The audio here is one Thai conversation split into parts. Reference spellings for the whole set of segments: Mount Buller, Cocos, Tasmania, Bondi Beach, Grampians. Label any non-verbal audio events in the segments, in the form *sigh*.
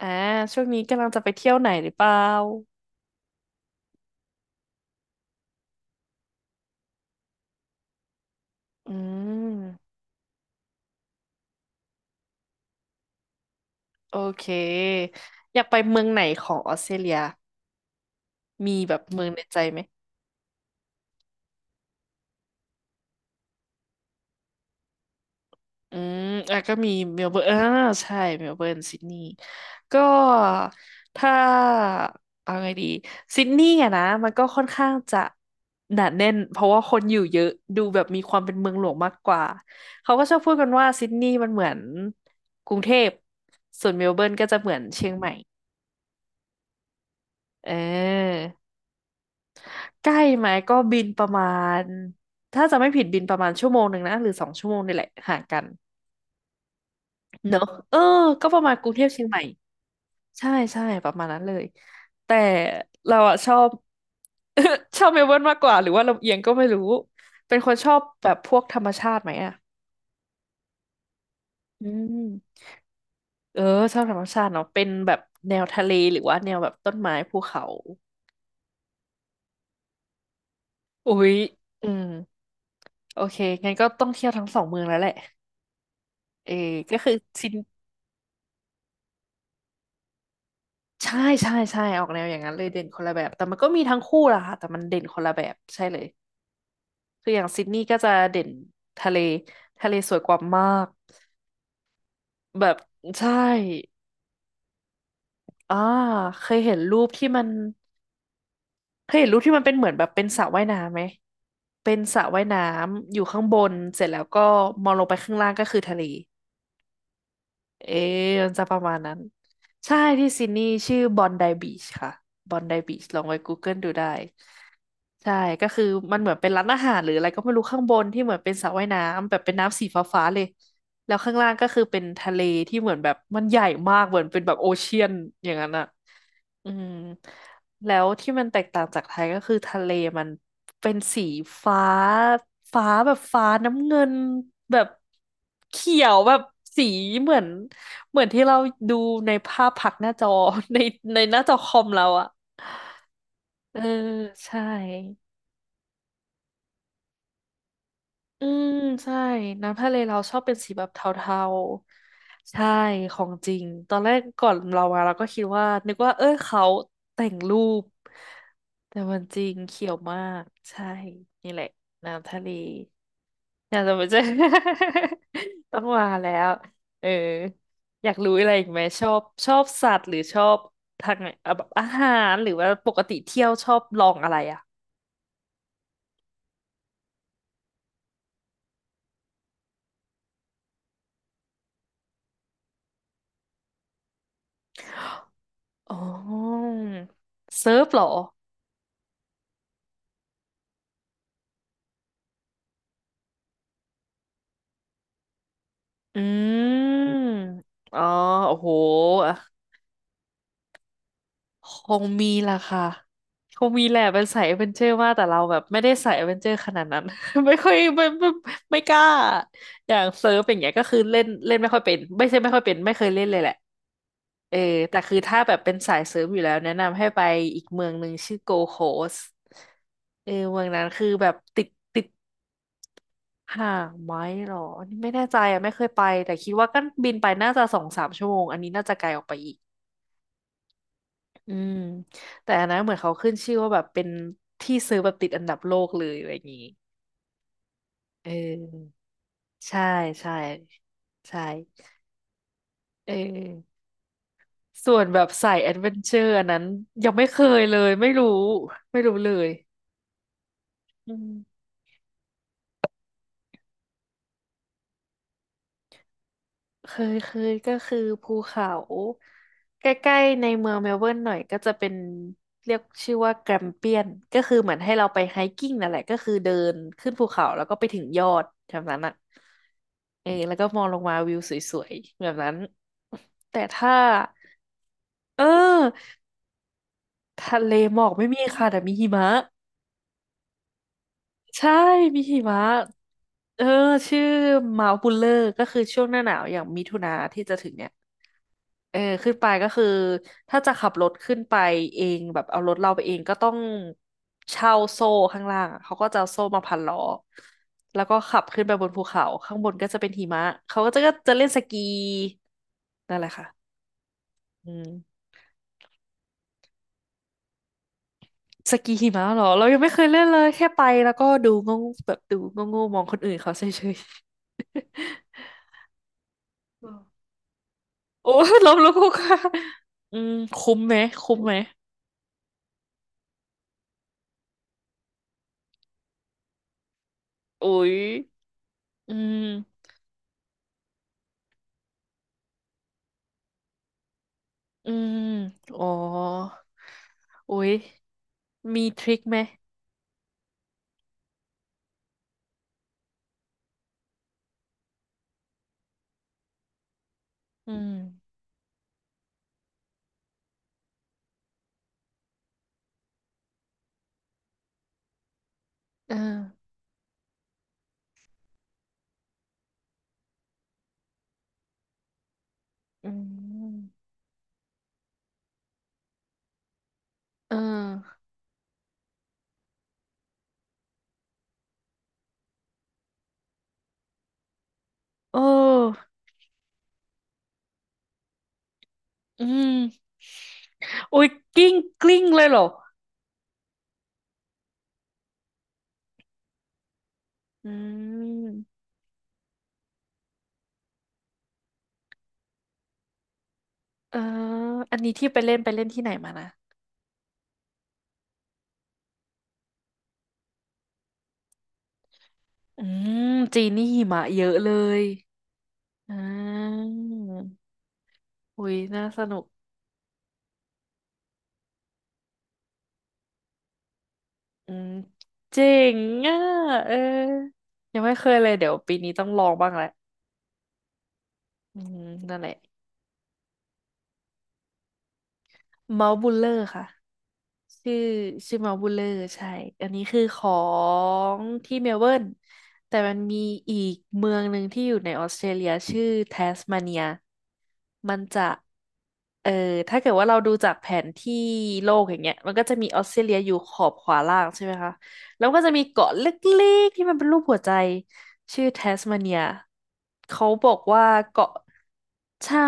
อ่าช่วงนี้กำลังจะไปเที่ยวไหนหรือเปล่าอืมโอเคอยากไปเมืองไหนของออสเตรเลียมีแบบเมืองในใจไหมอืมอ่ะก็มีเมลเบิร์นใช่เมลเบิร์นซิดนีย์ก็ถ้าเอาไงดีซิดนีย์อะนะมันก็ค่อนข้างจะหนาแน่นเพราะว่าคนอยู่เยอะดูแบบมีความเป็นเมืองหลวงมากกว่าเขาก็ชอบพูดกันว่าซิดนีย์มันเหมือนกรุงเทพส่วนเมลเบิร์นก็จะเหมือนเชียงใหม่เออ ใกล้ไหมก็บินประมาณถ้าจะไม่ผิดบินประมาณชั่วโมงหนึ่งนะหรือสองชั่วโมงนี่แหละห่างกันเนอะเออก็ประมาณกรุงเทพเชียงใหม่ใช่ใช่ประมาณนั้นเลยแต่เราอะชอบ *laughs* ชอบเมลเบิร์นมากกว่าหรือว่าลำเอียงก็ไม่รู้เป็นคนชอบแบบพวกธรรมชาติไหมอะอืมเออชอบธรรมชาติเนาะเป็นแบบแนวทะเลหรือว่าแนวแบบต้นไม้ภูเขาอุ๊ยอืมโอเคงั้นก็ต้องเที่ยวทั้งสองเมืองแล้วแหละเออก็คือซิน ใช่ใช่ใช่ออกแนวอย่างนั้นเลยเด่นคนละแบบแต่มันก็มีทั้งคู่ล่ะค่ะแต่มันเด่นคนละแบบใช่เลยคืออย่างซิดนีย์ก็จะเด่นทะเลทะเลสวยกว่ามากแบบใช่อ่าเคยเห็นรูปที่มันเคยเห็นรูปที่มันเป็นเหมือนแบบเป็นสระว่ายน้ำไหมเป็นสระว่ายน้ำอยู่ข้างบนเสร็จแล้วก็มองลงไปข้างล่างก็คือทะเล เอ๊ะมันจะประมาณนั้นใช่ที่ซิดนีย์ชื่อบอนไดบีชค่ะบอนไดบีชลองไป Google ดูได้ใช่ก็คือมันเหมือนเป็นร้านอาหารหรืออะไรก็ไม่รู้ข้างบนที่เหมือนเป็นสระว่ายน้ำแบบเป็นน้ำสีฟ้าๆเลยแล้วข้างล่างก็คือเป็นทะเลที่เหมือนแบบมันใหญ่มากเหมือนเป็นแบบโอเชียนอย่างนั้นอ่ะอืมแล้วที่มันแตกต่างจากไทยก็คือทะเลมันเป็นสีฟ้าฟ้าแบบฟ้าน้ำเงินแบบเขียวแบบสีเหมือน เหมือนที่เราดูในภาพผักหน้าจอ *laughs* ในหน้าจอคอมเราอะเออใช่ อืมใช่ น้ำทะเลเราชอบเป็นสีแบบเทาๆ ใช่ ของจริง ตอนแรกก่อนเรามาเราก็คิดว่านึกว่าเออเขาแต่งรูป แต่มันจริงเขียวมาก ใช่ นี่แหละน้ำทะเล อยากจะมาเจอ *laughs* ต้องมาแล้วเอออยากรู้อะไรอีกไหมชอบชอบสัตว์หรือชอบทางไหนอ่ะแบบอาหารหรือว่าปกติเที่ยวชอบลองอะไรอ่ะอ๋อเซิร์ฟเหรออืมอ๋อโอ้โหอ่ะคงมีล่ะค่ะคงมีแหละเป็นสายแอดเวนเจอร์มากแต่เราแบบไม่ได้สายแอดเวนเจอร์ขนาดนั้น *laughs* ไม่ค่อยไม่กล้าอย่างเซิร์ฟอย่างเงี้ยก็คือเล่นเล่นไม่ค่อยเป็นไม่ใช่ไม่ค่อยเป็นไม่เคยเล่นเลยแหละ เออแต่คือถ้าแบบเป็นสายเซิร์ฟอยู่แล้วแนะนำให้ไปอีกเมืองหนึ่งชื่อโกโคสเออเมืองนั้นคือแบบติดห่างไหมหรออันนี้ไม่แน่ใจอ่ะไม่เคยไปแต่คิดว่าก็บินไปน่าจะสองสามชั่วโมงอันนี้น่าจะไกลออกไปอีก อืม แต่อันนั้นเหมือนเขาขึ้นชื่อว่าแบบเป็นที่ซื้อแบบติดอันดับโลกเลยอะไรอย่างนี้ เออ ใช่ใช่ใช่เออส่วนแบบสายแอดเวนเจอร์อันนั้นยังไม่เคยเลยไม่รู้ไม่รู้เลยอืม เคยเคยก็คือภูเขาใกล้ๆในเมืองเมลเบิร์นหน่อยก็จะเป็นเรียกชื่อว่าแกรมเปียนก็คือเหมือนให้เราไปไฮกิ้งนั่นแหละก็คือเดินขึ้นภูเขาแล้วก็ไปถึงยอดแบบนั้นอ่ะเออแล้วก็มองลงมาวิวสวยๆแบบนั้นแต่ถ้าเออทะเลหมอกไม่มีค่ะแต่มีหิมะใช่มีหิมะเออชื่อมา u บุลเลอร์ก็คือช่วงหน้าหนาวอย่างมิถุนาที่จะถึงเนี่ย เออขึ้นไปก็คือถ้าจะขับรถขึ้นไปเองแบบเอารถเราไปเองก็ต้องเช่าโซ่ข้างล่างอะเขาก็จะเอาโซ่มาพันล้อแล้วก็ขับขึ้นไปบนภูเขาข้างบนก็จะเป็นหิมะเขาก็จะเล่นสกีนั่นแหละค่ะอืมสกีหิมะเหรอเรายังไม่เคยเล่นเลยแค่ไปแล้วก็ดูงงแบบดูงงๆมองคนอื่นเขาเฉยๆ *laughs* อืมโอ้ย *laughs* ล้มลุกคลุกคลานอืมคุ้มไหมคุ้มไหมโอ้ยอืม อืมอ๋ออุ๊ยมีทริคไหมอืมเอออืมเออเอออืมอุ๊ยกิ้งกลิ้งเลยเหรออืมเอออันนี้ที่ไปเล่นที่ไหนมานะอืมจีนนี่หิมะเยอะเลยอ่าอุ๊ยน่าสนุกอืมเจ๋งอ่ะเออยังไม่เคยเลยเดี๋ยวปีนี้ต้องลองบ้างแหละอืมนั่นแหละ เมาส์บูลเลอร์ค่ะชื่อชื่อเมาส์บูลเลอร์ใช่อันนี้คือของที่เมลเบิร์นแต่มันมีอีกเมืองหนึ่งที่อยู่ในออสเตรเลียชื่อแทสมาเนียมันจะเออถ้าเกิดว่าเราดูจากแผนที่โลกอย่างเงี้ยมันก็จะมีออสเตรเลียอยู่ขอบขวาล่างใช่ไหมคะแล้วก็จะมีเกาะเล็กๆที่มันเป็นรูปหัวใจชื่อแทสมาเนียเขาบอกว่าเกาะ ใช่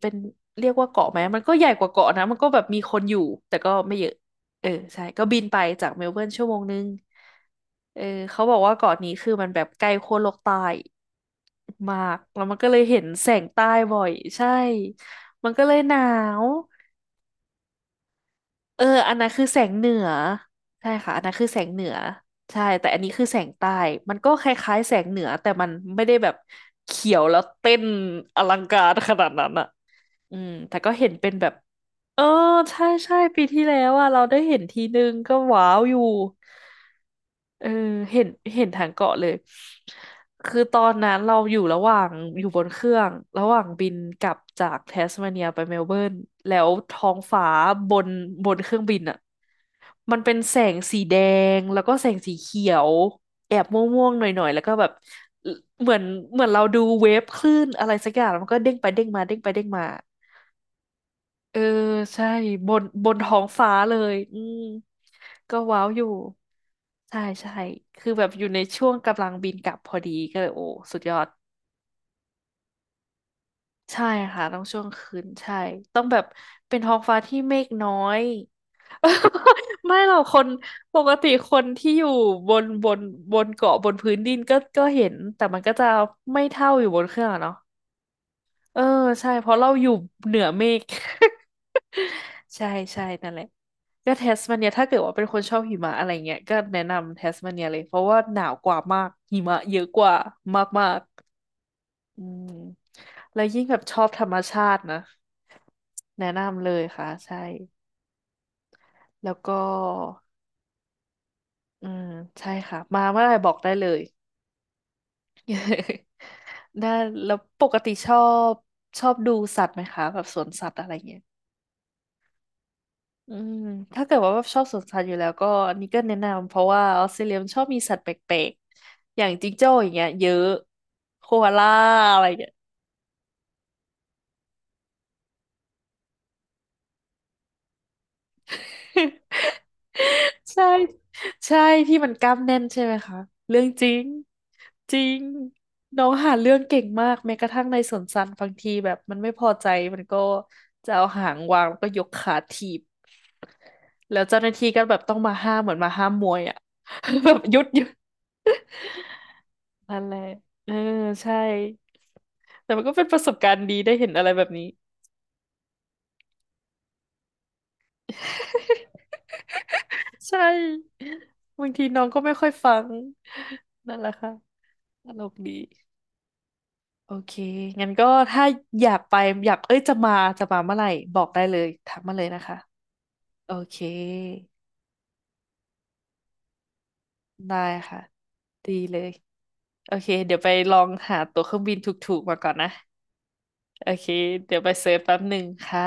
เป็นเรียกว่าเกาะไหมมันก็ใหญ่กว่าเกาะนะมันก็แบบมีคนอยู่แต่ก็ไม่เยอะเออใช่ก็บินไปจากเมลเบิร์นชั่วโมงนึงเออเขาบอกว่าเกาะนี้คือมันแบบใกล้ขั้วโลกใต้มากแล้วมันก็เลยเห็นแสงใต้บ่อยใช่มันก็เลยหนาวเอออันนั้นคือแสงเหนือใช่ค่ะอันนั้นคือแสงเหนือใช่แต่อันนี้คือแสงใต้มันก็คล้ายๆแสงเหนือแต่มันไม่ได้แบบเขียวแล้วเต้นอลังการขนาดนั้นอะ อืมแต่ก็เห็นเป็นแบบ เออใช่ใช่ปีที่แล้วอ่ะเราได้เห็นทีนึงก็ว้าวอยู่เออเห็นเห็นทางเกาะเลย คือตอนนั้นเราอยู่ระหว่างอยู่บนเครื่องระหว่างบินกลับจากแทสเมาเนียไปเมลเบิร์นแล้วท้องฟ้าบนบนเครื่องบินอ่ะมันเป็นแสงสีแดงแล้วก็แสงสีเขียวแอบม่วงๆหน่อยๆแล้วก็แบบ เหมือนเหมือนเราดูเวฟคลื่นอะไรสักอย่างแล้วมันก็เด้งไปเด้งมาเด้งไปเด้งมา เออใช่บนท้องฟ้าเลยอืมก็ว้าวอยู่ใช่ใช่คือแบบอยู่ในช่วงกำลังบินกลับพอดีก็เลยโอ้สุดยอดใช่ค่ะต้องช่วงคืนใช่ต้องแบบเป็นท้องฟ้าที่เมฆน้อย *laughs* ไม่หรอกคนปกติคนที่อยู่บนบนบนเกาะบนพื้นดินก็เห็นแต่มันก็จะไม่เท่าอยู่บนเครื่องอะเนาะ เออใช่เพราะเราอยู่เหนือเมฆ *laughs* ใช่ใช่นั่นแหละก็แทสมาเนียถ้าเกิดว่าเป็นคนชอบหิมะอะไรเงี้ยก็แนะนำแทสมาเนียเลยเพราะว่าหนาวกว่ามากหิมะเยอะกว่ามากๆอืมแล้วยิ่งแบบชอบธรรมชาตินะแนะนำเลยค่ะใช่แล้วก็อืมใช่ค่ะมาเมื่อไหร่บอกได้เลย *laughs* ได้แล้วปกติบชอบดูสัตว์ไหมคะแบบสวนสัตว์อะไรเงี้ย อืม ถ้าเกิดว่าชอบสวนสัตว์อยู่แล้วก็อันนี้ก็แนะนำเพราะว่าออสเตรเลียมันชอบมีสัตว์แปลกๆอย่างจิงโจ้อย่างเงี้ยเยอะโคอาล่าอะไรอย่างเงี้ย *laughs* ใช่ใช่ที่มันกล้ามแน่นใช่ไหมคะเรื่องจริงจริงน้องหาเรื่องเก่งมากแม้กระทั่งในสวนสัตว์บางทีแบบมันไม่พอใจมันก็จะเอาหางวางแล้วก็ยกขาถีบแล้วเจ้าหน้าที่ก็แบบต้องมาห้ามเหมือนมาห้ามมวยอ่ะ *laughs* แบบหยุดหยุด นั่นแหละเออใช่ แต่มันก็เป็นประสบการณ์ดีได้เห็นอะไรแบบนี้ *laughs* ใช่บางทีน้องก็ไม่ค่อยฟังนั่นแหละค่ะตลกดี โอเคงั้นก็ถ้าอยากไปอยากเอ้ยจะมาจะมาเมื่อไหร่บอกได้เลยทักมาเลยนะคะ โอเค ได้ค่ะ ดีเลยโอเคเดี๋ยวไปลองหาตั๋วเครื่องบินถูกๆมาก่อนนะ โอเค เดี๋ยวไปเซิร์ชแป๊บหนึ่งค่ะ